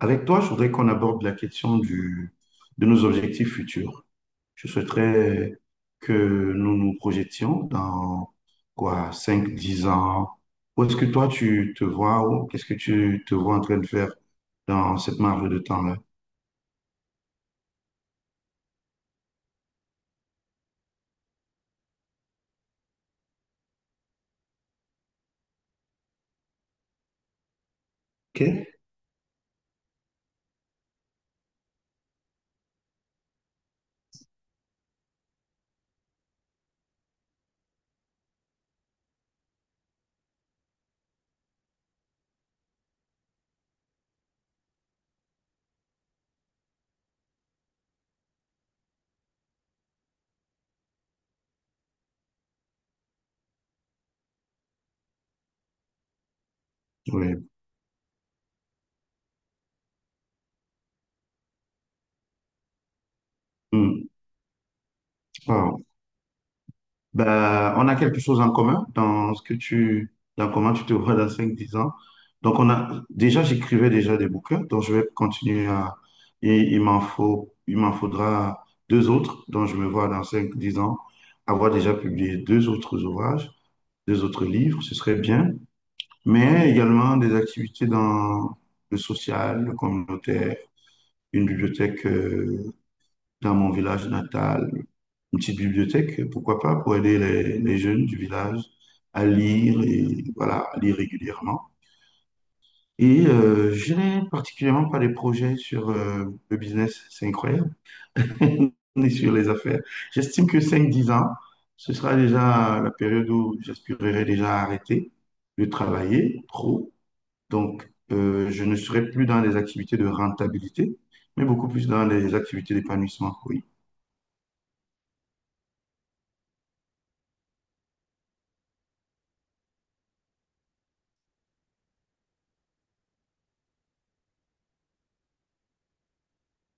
Avec toi, je voudrais qu'on aborde la question de nos objectifs futurs. Je souhaiterais que nous nous projetions dans quoi, 5, 10 ans. Où est-ce que toi, tu te vois? Qu'est-ce que tu te vois en train de faire dans cette marge de temps-là? OK. Oui. Ben, on a quelque chose en commun dans dans comment tu te vois dans cinq, dix ans. Donc, j'écrivais déjà des bouquins, donc je vais continuer et il m'en faudra deux autres, dont je me vois dans cinq, dix ans, avoir déjà publié deux autres ouvrages, deux autres livres, ce serait bien, mais également des activités dans le social, le communautaire, une bibliothèque, dans mon village natal, une petite bibliothèque, pourquoi pas, pour aider les jeunes du village à lire et voilà, à lire régulièrement. Et je n'ai particulièrement pas de projets sur le business, c'est incroyable, ni sur les affaires. J'estime que cinq dix ans, ce sera déjà la période où j'aspirerai déjà à arrêter de travailler trop. Donc, je ne serai plus dans les activités de rentabilité, mais beaucoup plus dans les activités d'épanouissement, oui.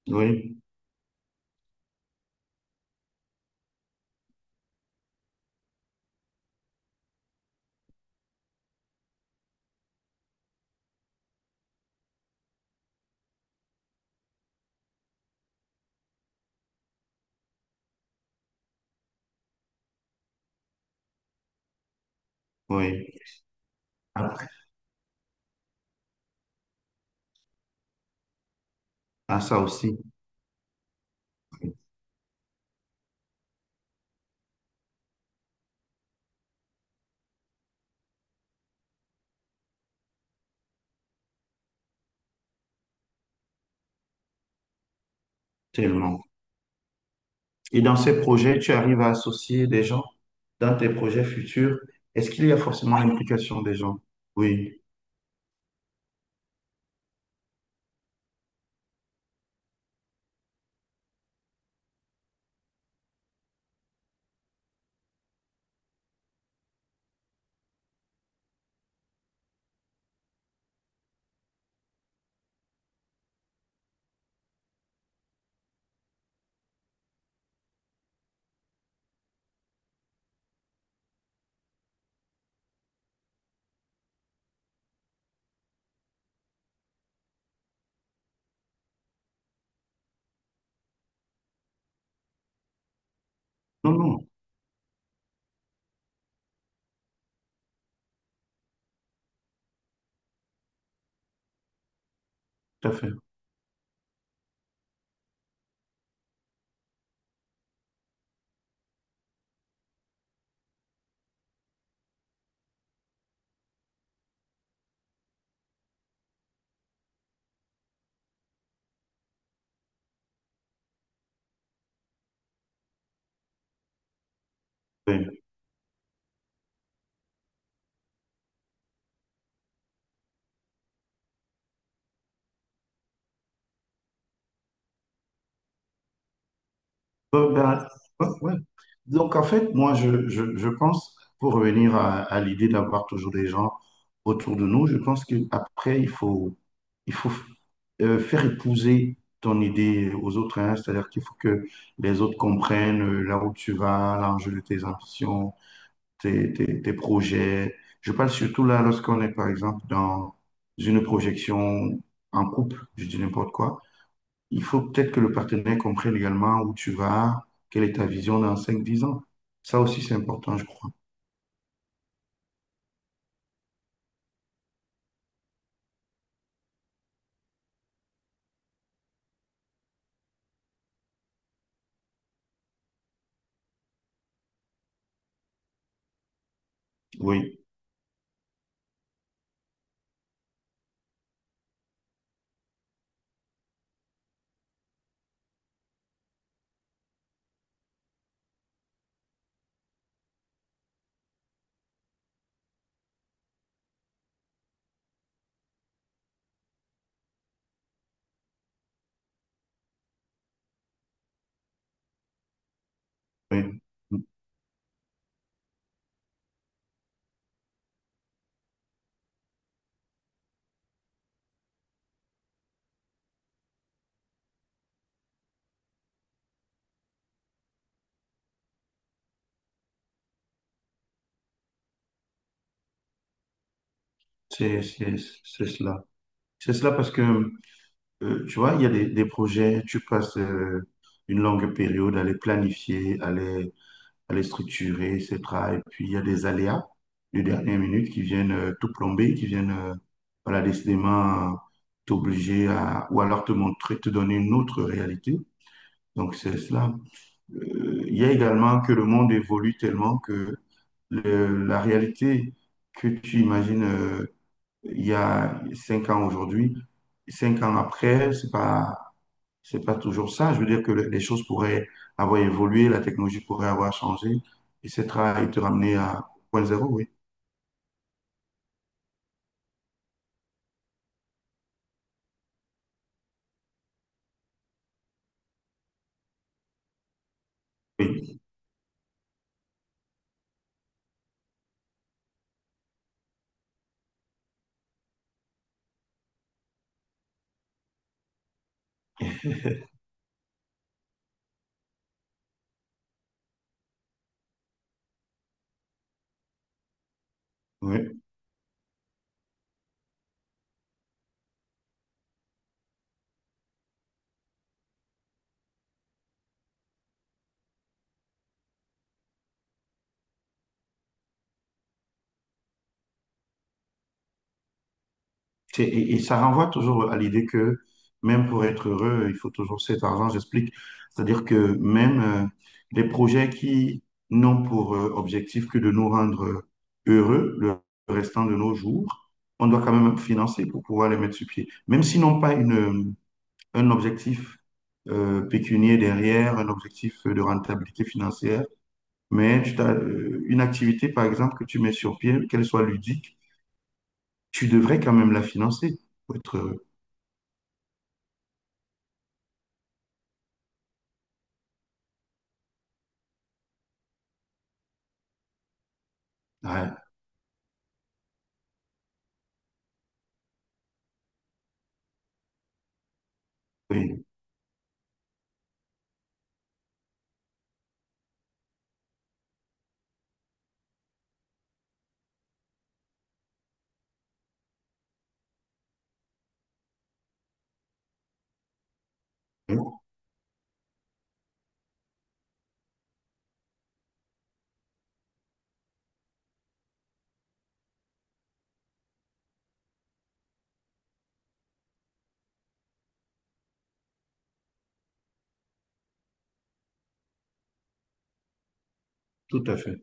Oui, oui. Après, à ça aussi, tellement. Et dans ces projets, tu arrives à associer des gens dans tes projets futurs. Est-ce qu'il y a forcément l'implication des gens? Oui. Non, non, tout à fait. Oui. Ben, ouais, ouais. Donc, en fait, moi, je pense, pour revenir à l'idée d'avoir toujours des gens autour de nous, je pense qu'après, il faut faire épouser ton idée aux autres. Hein. C'est-à-dire qu'il faut que les autres comprennent là où tu vas, l'enjeu de tes ambitions, tes projets. Je parle surtout là lorsqu'on est, par exemple, dans une projection en couple, je dis n'importe quoi. Il faut peut-être que le partenaire comprenne également où tu vas, quelle est ta vision dans cinq dix ans. Ça aussi, c'est important, je crois. Oui, oui. C'est c'est- c'est cela. C'est cela parce que, tu vois, il y a des projets, tu passes une longue période à les planifier, elle est structurée, etc. Et puis, il y a des aléas de dernière minute qui viennent tout plomber, qui viennent, voilà, décidément t'obliger à, ou alors te montrer, te donner une autre réalité. Donc, c'est cela. Il y a également que le monde évolue tellement que la réalité que tu imagines il y a 5 ans aujourd'hui, 5 ans après, c'est pas toujours ça. Je veux dire que les choses pourraient avoir évolué, la technologie pourrait avoir changé, et etc. et te ramener à point zéro, oui. Oui, oui. Et ça renvoie toujours à l'idée que même pour être heureux, il faut toujours cet argent, j'explique. C'est-à-dire que même des projets qui n'ont pour objectif que de nous rendre heureux le restant de nos jours, on doit quand même financer pour pouvoir les mettre sur pied. Même s'ils n'ont pas une un objectif pécunier derrière, un objectif de rentabilité financière, mais tu t'as, une activité, par exemple, que tu mets sur pied, qu'elle soit ludique, tu devrais quand même la financer pour être heureux. Ouais, oui, oui, tout à fait.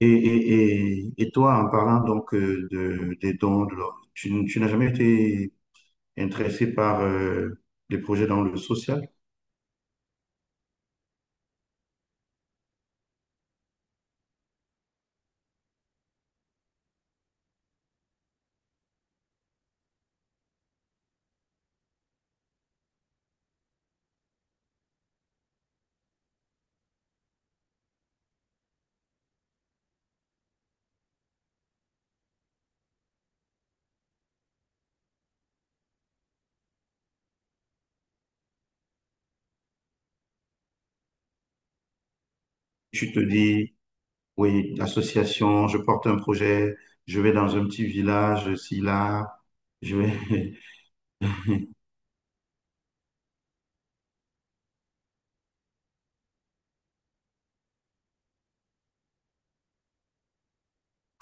Et toi, en parlant donc des dons, tu n'as jamais été intéressé par des projets dans le social? Tu te dis, oui, l'association, je porte un projet, je vais dans un petit village, ici, là, je vais.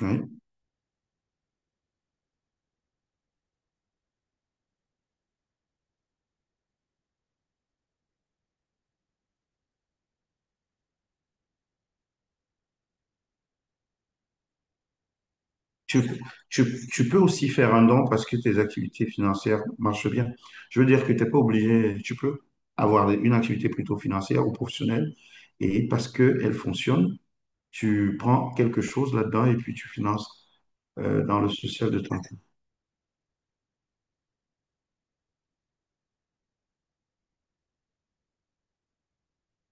Oui. Tu, tu peux aussi faire un don parce que tes activités financières marchent bien. Je veux dire que tu n'es pas obligé, tu peux avoir une activité plutôt financière ou professionnelle et parce qu'elle fonctionne, tu prends quelque chose là-dedans et puis tu finances dans le social de ton.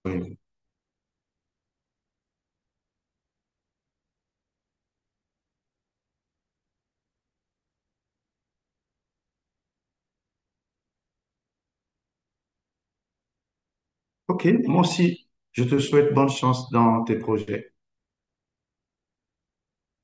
Oui. OK, moi aussi, je te souhaite bonne chance dans tes projets.